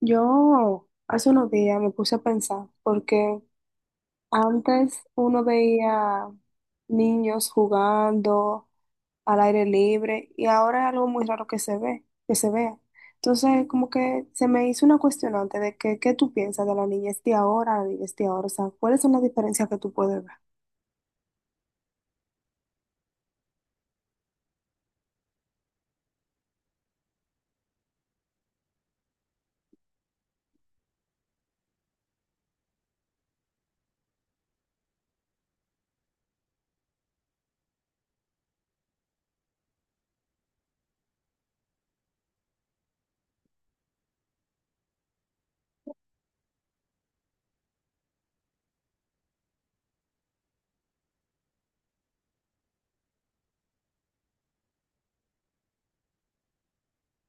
Yo hace unos días me puse a pensar, porque antes uno veía niños jugando al aire libre y ahora es algo muy raro que se vea. Entonces, como que se me hizo una cuestionante de que, qué tú piensas de la niñez de ahora, o sea, ¿cuáles son las diferencias que tú puedes ver?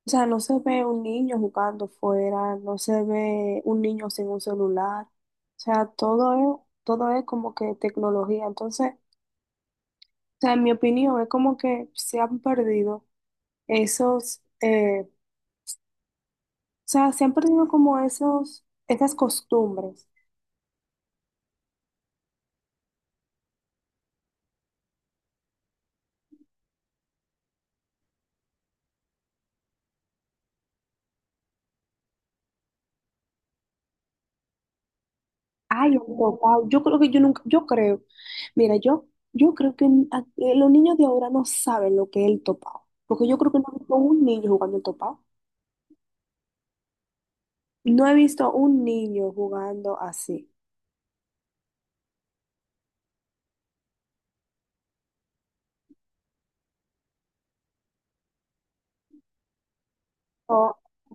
O sea, no se ve un niño jugando fuera, no se ve un niño sin un celular, o sea, todo es como que tecnología, entonces... sea, en mi opinión, es como que se han perdido esos, o sea, se han perdido como esos, esas costumbres. Ay, el papá, yo creo que yo nunca, yo creo, mira, yo creo que los niños de ahora no saben lo que es el topado, porque yo creo que no he visto un niño jugando el topado. No he visto un niño jugando así. O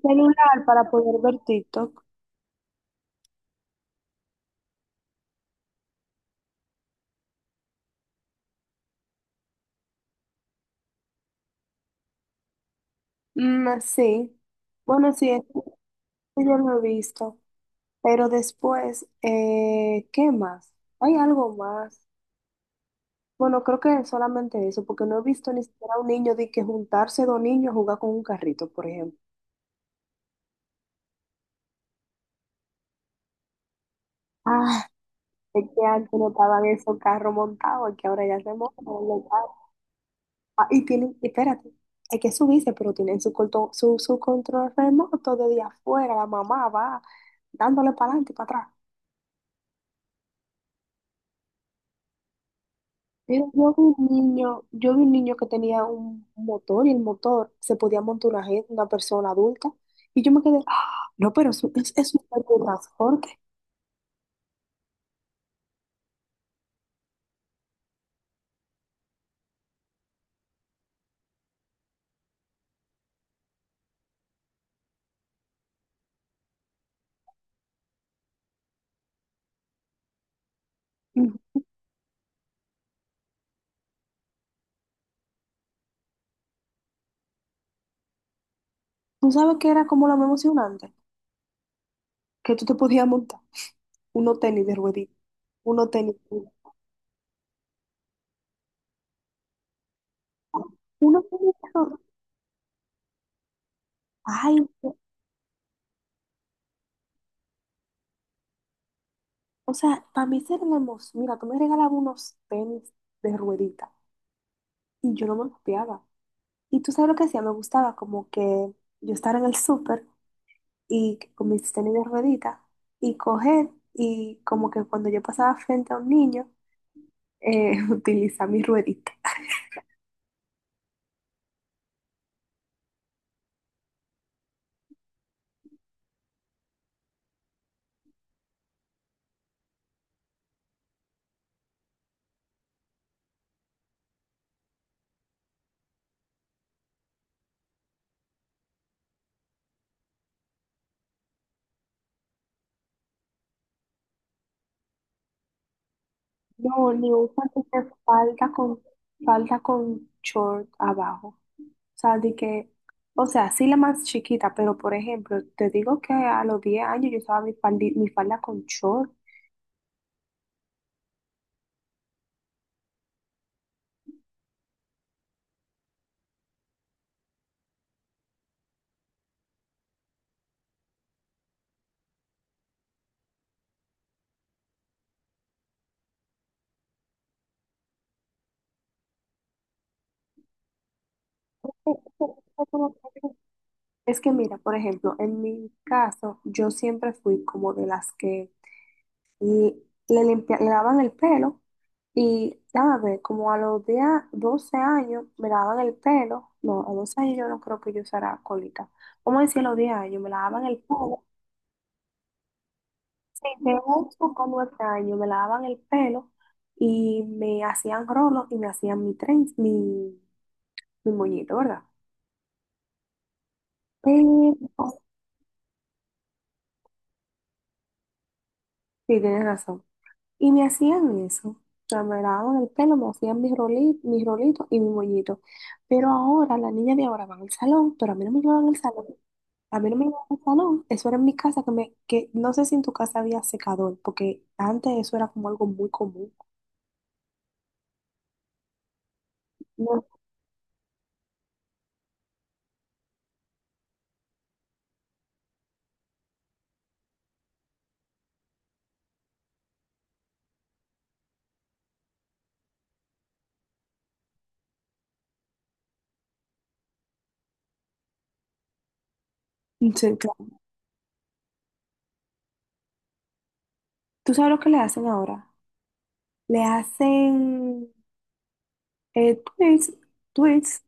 celular para poder ver TikTok. Mm, sí. Bueno, sí, eso yo lo he visto. Pero después, ¿qué más? ¿Hay algo más? Bueno, creo que es solamente eso, porque no he visto ni siquiera un niño de que juntarse dos niños a jugar con un carrito, por ejemplo. Ah, es que antes no estaban esos carros montados, es que ahora ya se montan los carros. Ah, y tienen, espérate, hay que subirse, pero tienen su control remoto desde afuera, la mamá va dándole para adelante y para atrás. Mira, yo vi un niño que tenía un motor y el motor se podía montar una persona adulta y yo me quedé, "Ah, no, pero eso es un medio de transporte." Ujú. ¿Tú sabes qué era como lo más emocionante? Que tú te podías montar unos tenis de ruedita, unos tenis, unos tenis de ruedita. Ay, no, o sea, para mí esa era la emoción. Mira, tú me regalabas unos tenis de ruedita y yo no me los pillaba. Y tú sabes lo que hacía, me gustaba como que yo estar en el súper. Con mis tenis de rueditas y coger y como que cuando yo pasaba frente a un niño, eh, utilizar mi ruedita. No, ni un pantalón falda con, short abajo. O sea, de que, o sea, sí la más chiquita, pero por ejemplo, te digo que a los 10 años yo usaba mi falda con short. Es que mira, por ejemplo, en mi caso, yo siempre fui como de las que y le, limpia, le daban el pelo y a ver, como a los 10, 12 años me daban el pelo, no, a 12 años yo no creo que yo usara colita, vamos a decir a los 10 años me lavaban el pelo, sí, de 8 a 9 años me lavaban el pelo y me hacían rolos y me hacían mi moñito, ¿verdad? Pero, sí, tienes razón. Y me hacían eso. O sea, me lavaban el pelo, me hacían mis rolitos y mi moñito. Pero ahora, las niñas de ahora van al salón, pero a mí no me llevaban al salón. A mí no me llevaban al salón. Eso era en mi casa, que no sé si en tu casa había secador, porque antes eso era como algo muy común. No. Sí, claro. ¿Tú sabes lo que le hacen ahora? Le hacen tweets, tweets,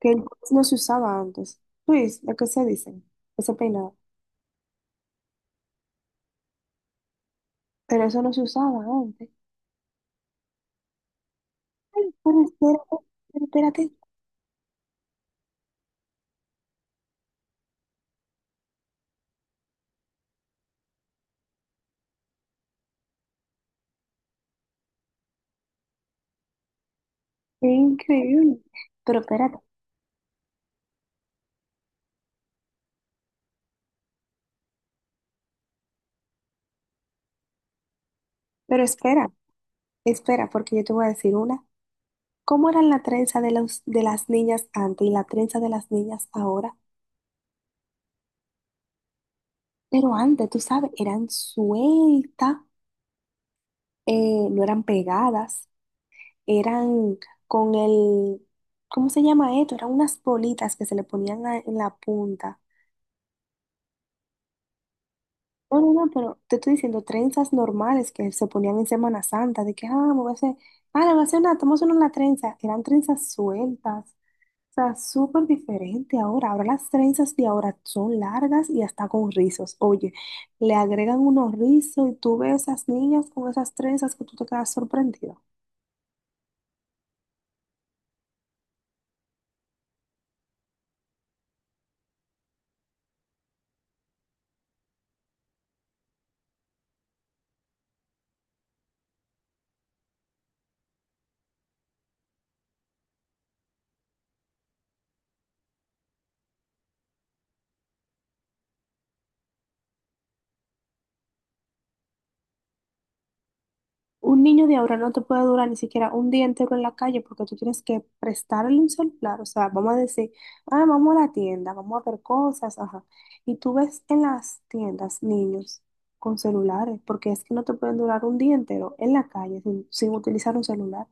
que no se usaba antes. Tweets, lo que se dicen, ese peinado. Pero eso no se usaba antes. Pero espérate, pero espérate, es increíble. Pero espérate, pero espera, porque yo te voy a decir una. ¿Cómo eran la trenza de los, de las niñas antes y la trenza de las niñas ahora? Pero antes, tú sabes, eran sueltas, no eran pegadas, eran con el, ¿cómo se llama esto? Eran unas bolitas que se le ponían en la punta. No, no, no, pero te estoy diciendo trenzas normales que se ponían en Semana Santa, de que, ah, me voy a hacer, ah, le voy a hacer una, estamos en una trenza. Eran trenzas sueltas, o sea, súper diferente ahora. Ahora las trenzas de ahora son largas y hasta con rizos. Oye, le agregan unos rizos y tú ves esas niñas con esas trenzas que tú te quedas sorprendida. Un niño de ahora no te puede durar ni siquiera un día entero en la calle porque tú tienes que prestarle un celular. O sea, vamos a decir, ah, vamos a la tienda, vamos a ver cosas, ajá. Y tú ves en las tiendas niños con celulares porque es que no te pueden durar un día entero en la calle sin utilizar un celular.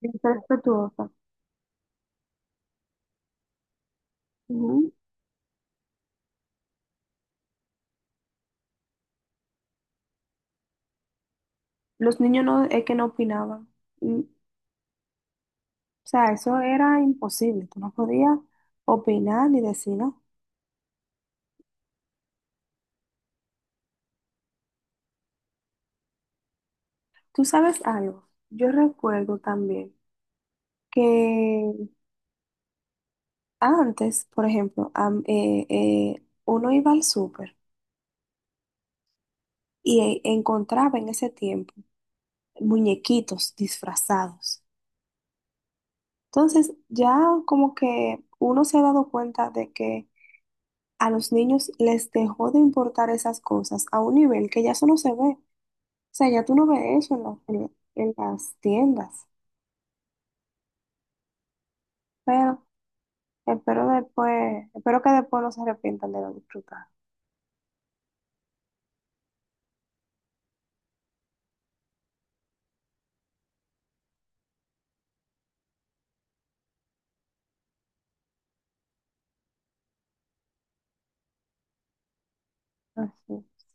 Es respetuosa. Ujú. Los niños no, es que no opinaban. Mm, o sea, eso era imposible. Tú no podías opinar ni decir, no. Tú sabes algo. Yo recuerdo también que antes, por ejemplo, uno iba al súper y encontraba en ese tiempo muñequitos disfrazados. Entonces, ya como que uno se ha dado cuenta de que a los niños les dejó de importar esas cosas a un nivel que ya eso no se ve. O sea, ya tú no ves eso en las tiendas. Pero espero después, espero que después no se arrepientan de lo disfrutado. Así.